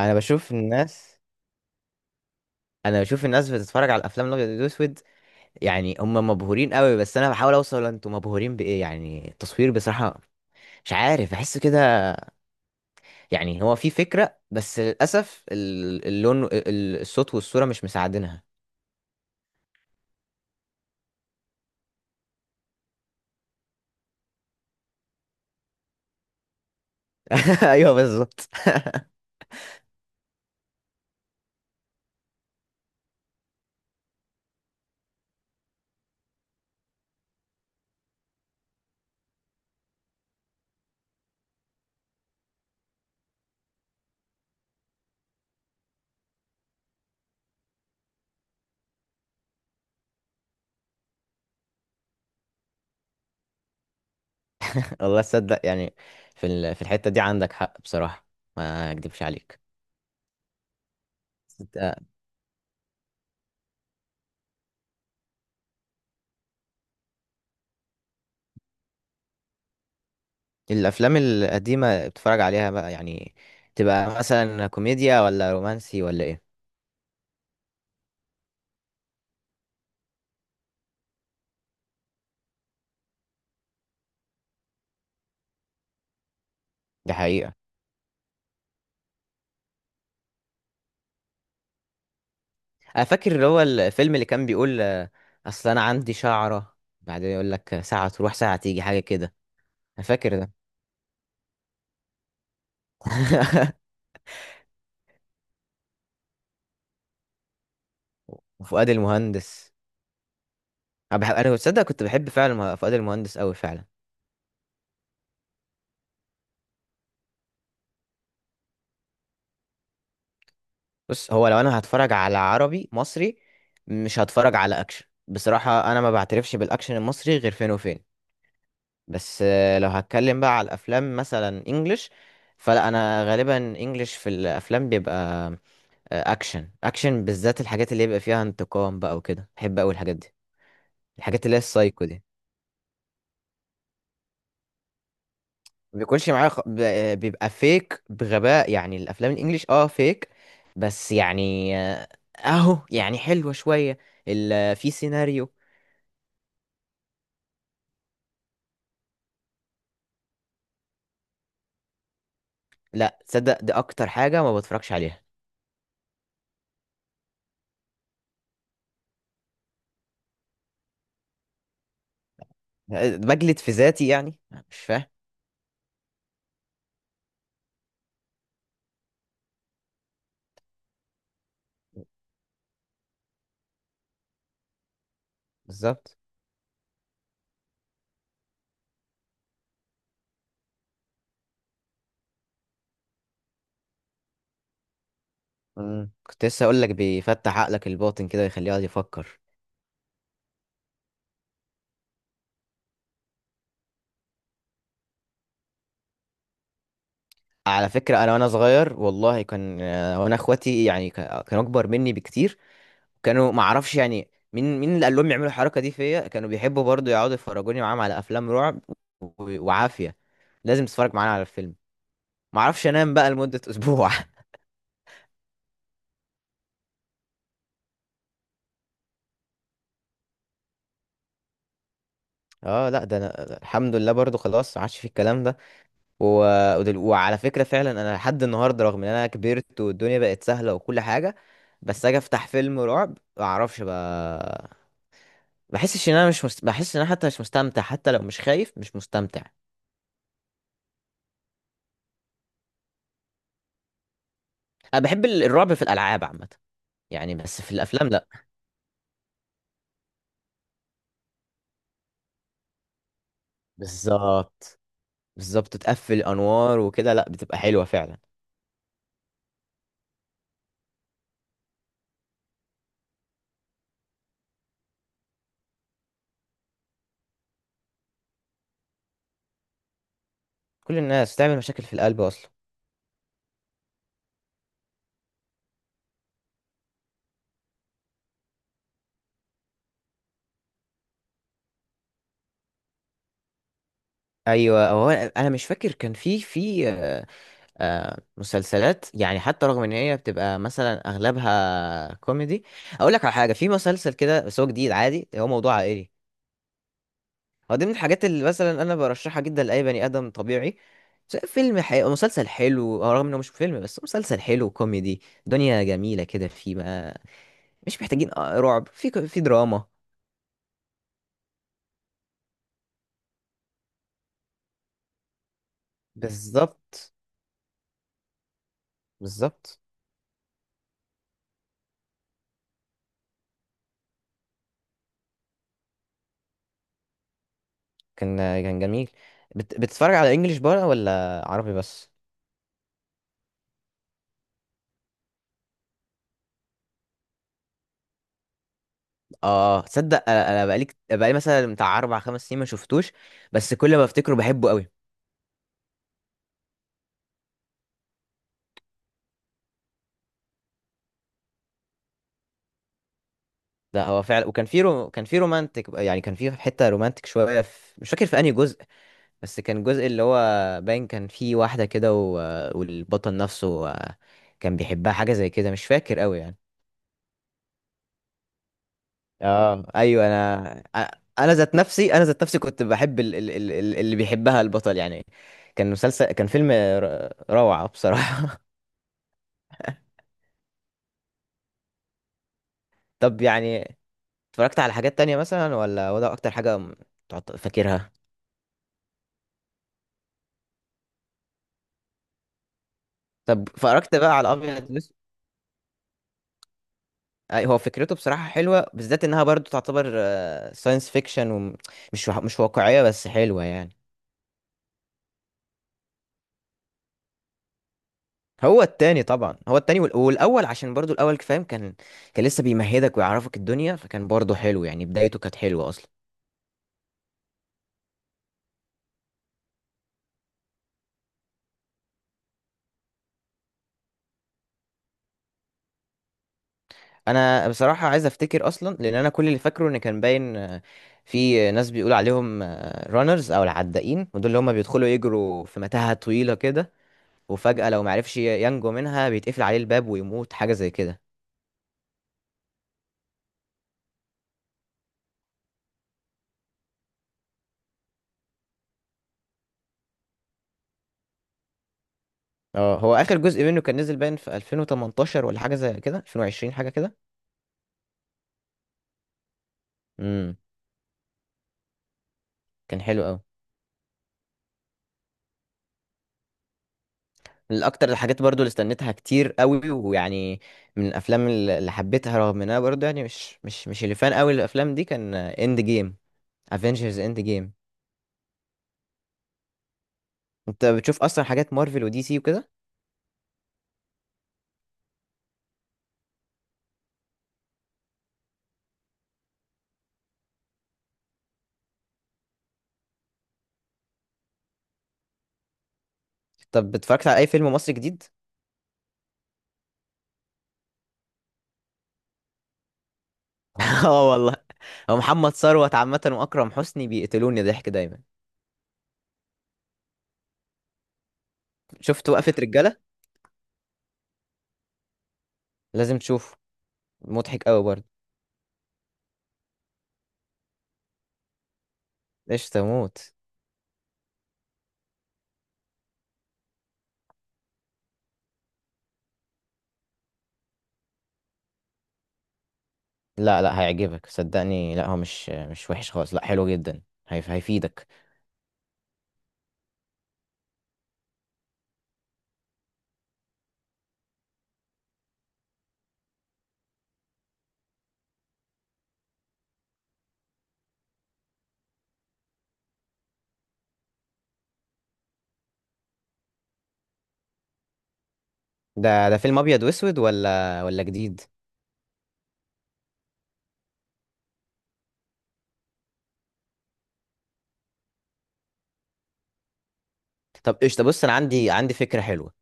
انا بشوف الناس انا بشوف الناس بتتفرج على الافلام الابيض والاسود. يعني هم مبهورين قوي، بس انا بحاول اوصل، انتوا مبهورين بايه؟ يعني التصوير بصراحه، مش عارف، بحس كده. يعني هو في فكره، بس للاسف اللون، الصوت والصوره مش مساعدينها. ايوه بالظبط. والله تصدق يعني، في الحته دي عندك حق بصراحه، ما اكدبش عليك. أنت الافلام القديمه بتتفرج عليها بقى؟ يعني تبقى مثلا كوميديا، ولا رومانسي، ولا ايه؟ دي حقيقه. انا فاكر اللي هو الفيلم اللي كان بيقول، اصل انا عندي شعرة بعدين يقول لك ساعة تروح ساعة تيجي، حاجة كده. انا فاكر ده. وفؤاد المهندس. انا بحب، انا تصدق كنت بحب فعلا فؤاد المهندس قوي فعلا. بص، هو لو انا هتفرج على عربي مصري، مش هتفرج على اكشن بصراحة. انا ما بعترفش بالاكشن المصري غير فين وفين. بس لو هتكلم بقى على الافلام مثلا انجلش، فلا انا غالبا انجلش في الافلام بيبقى اكشن. اكشن بالذات الحاجات اللي يبقى فيها انتقام بقى وكده، بحب قوي الحاجات دي، الحاجات اللي هي السايكو دي. ما بيكونش معايا بيبقى فيك بغباء، يعني الافلام الانجليش فيك. بس يعني، اهو يعني حلوة شوية، في سيناريو. لا تصدق، دي اكتر حاجة ما بتفرجش عليها. بجلد في ذاتي يعني، مش فاهم. بالظبط. كنت لسه اقول لك، بيفتح عقلك الباطن كده ويخليه يقعد يفكر. على فكرة أنا وأنا صغير والله كان، وأنا إخواتي يعني كانوا أكبر مني بكتير. كانوا ما أعرفش يعني مين اللي قال لهم يعملوا الحركة دي فيا، كانوا بيحبوا برضو يقعدوا يفرجوني معاهم على أفلام رعب. وعافية، لازم تتفرج معانا على الفيلم. ما أعرفش أنام بقى لمدة أسبوع. أه لا، ده أنا الحمد لله برضو خلاص ما عادش في الكلام ده. و... وعلى فكرة فعلا أنا لحد النهاردة، رغم إن أنا كبرت والدنيا بقت سهلة وكل حاجة، بس أجي أفتح فيلم رعب ما أعرفش بقى. بحس ان انا حتى مش مستمتع، حتى لو مش خايف مش مستمتع. انا بحب الرعب في الالعاب عامه يعني، بس في الافلام لا. بالظبط. بالظبط، تقفل انوار وكده، لا بتبقى حلوه فعلا. كل الناس تعمل مشاكل في القلب اصلا. ايوه، هو أنا مش فاكر كان في مسلسلات يعني، حتى رغم ان هي بتبقى مثلا اغلبها كوميدي. اقول لك على حاجه، في مسلسل كده بس هو جديد، عادي، هو موضوع عائلي. هو دي من الحاجات اللي مثلا انا برشحها جدا لاي بني ادم طبيعي، سواء فيلم أو مسلسل حلو. رغم انه مش فيلم بس مسلسل حلو كوميدي، دنيا جميله كده فيه بقى. مش محتاجين رعب في في دراما. بالظبط. بالظبط. كان كان جميل. بتتفرج على انجليش بقى ولا عربي بس؟ اه تصدق، انا بقالي بقالي مثلا بتاع اربع خمس سنين ما شفتوش، بس كل ما افتكره بحبه قوي. ده هو فعلا، وكان كان في رومانتك، يعني كان في حته رومانتك شويه، مش فاكر في انهي جزء، بس كان جزء اللي هو باين كان فيه واحدة كده، والبطل نفسه كان بيحبها، حاجة زي كده، مش فاكر قوي يعني. اه ايوه انا. انا ذات نفسي كنت بحب اللي بيحبها البطل، يعني كان فيلم روعة بصراحة. طب يعني، اتفرجت على حاجات تانية مثلا، ولا هو ده اكتر حاجة فاكرها؟ طب اتفرجت بقى على ابيض واسود؟ أي، هو فكرته بصراحة حلوة، بالذات انها برضو تعتبر ساينس فيكشن ومش مش واقعية، بس حلوة يعني. هو التاني طبعا، هو التاني، والاول عشان برضو الاول، فاهم، كان لسه بيمهدك ويعرفك الدنيا، فكان برضو حلو يعني، بدايته كانت حلوه اصلا. انا بصراحه عايز افتكر اصلا، لان انا كل اللي فاكره ان كان باين، في ناس بيقول عليهم رانرز او العدائين، ودول اللي هم بيدخلوا يجروا في متاهه طويله كده، وفجاه لو معرفش ينجو منها بيتقفل عليه الباب ويموت، حاجه زي كده. اه، هو اخر جزء منه كان نزل باين في 2018 ولا حاجه زي كده، 2020 حاجه كده. امم. كان حلو. من اكتر الحاجات برضو اللي استنيتها كتير قوي، ويعني من الافلام اللي حبيتها، رغم انها برضو يعني مش اللي فان قوي الافلام دي، كان اند جيم. افنجرز اند جيم. انت بتشوف اصلا حاجات مارفل ودي سي وكده؟ طب اتفرجت على اي فيلم مصري جديد؟ اه والله. هو محمد ثروت عامه واكرم حسني بيقتلوني ضحك دايما. شفت وقفة رجالة؟ لازم تشوفه، مضحك قوي برضو. ايش تموت. لا لا، هيعجبك صدقني، لا هو مش وحش خالص، لا حلو جدا، هيفيدك. ده فيلم ابيض واسود ولا جديد؟ طب قشطه، بص انا عندي فكره حلوه.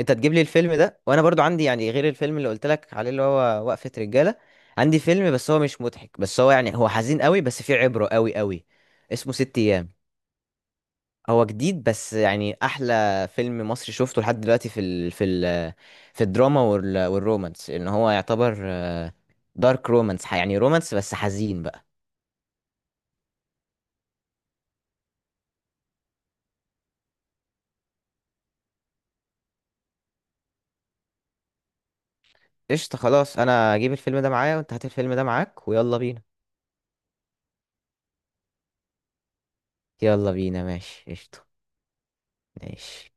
انت تجيب لي الفيلم ده، وانا برضو عندي يعني غير الفيلم اللي قلت لك عليه اللي هو وقفه رجاله، عندي فيلم بس هو مش مضحك، بس هو يعني هو حزين قوي، بس فيه عبره قوي قوي. اسمه ست ايام. هو جديد، بس يعني احلى فيلم مصري شفته لحد دلوقتي في الدراما والرومانس، ان هو يعتبر دارك رومانس، يعني رومانس بس حزين بقى. قشطه خلاص، انا هجيب الفيلم ده معايا، وانت هات الفيلم ده معاك، ويلا بينا. يلا بينا، ماشي قشطة. ماشي.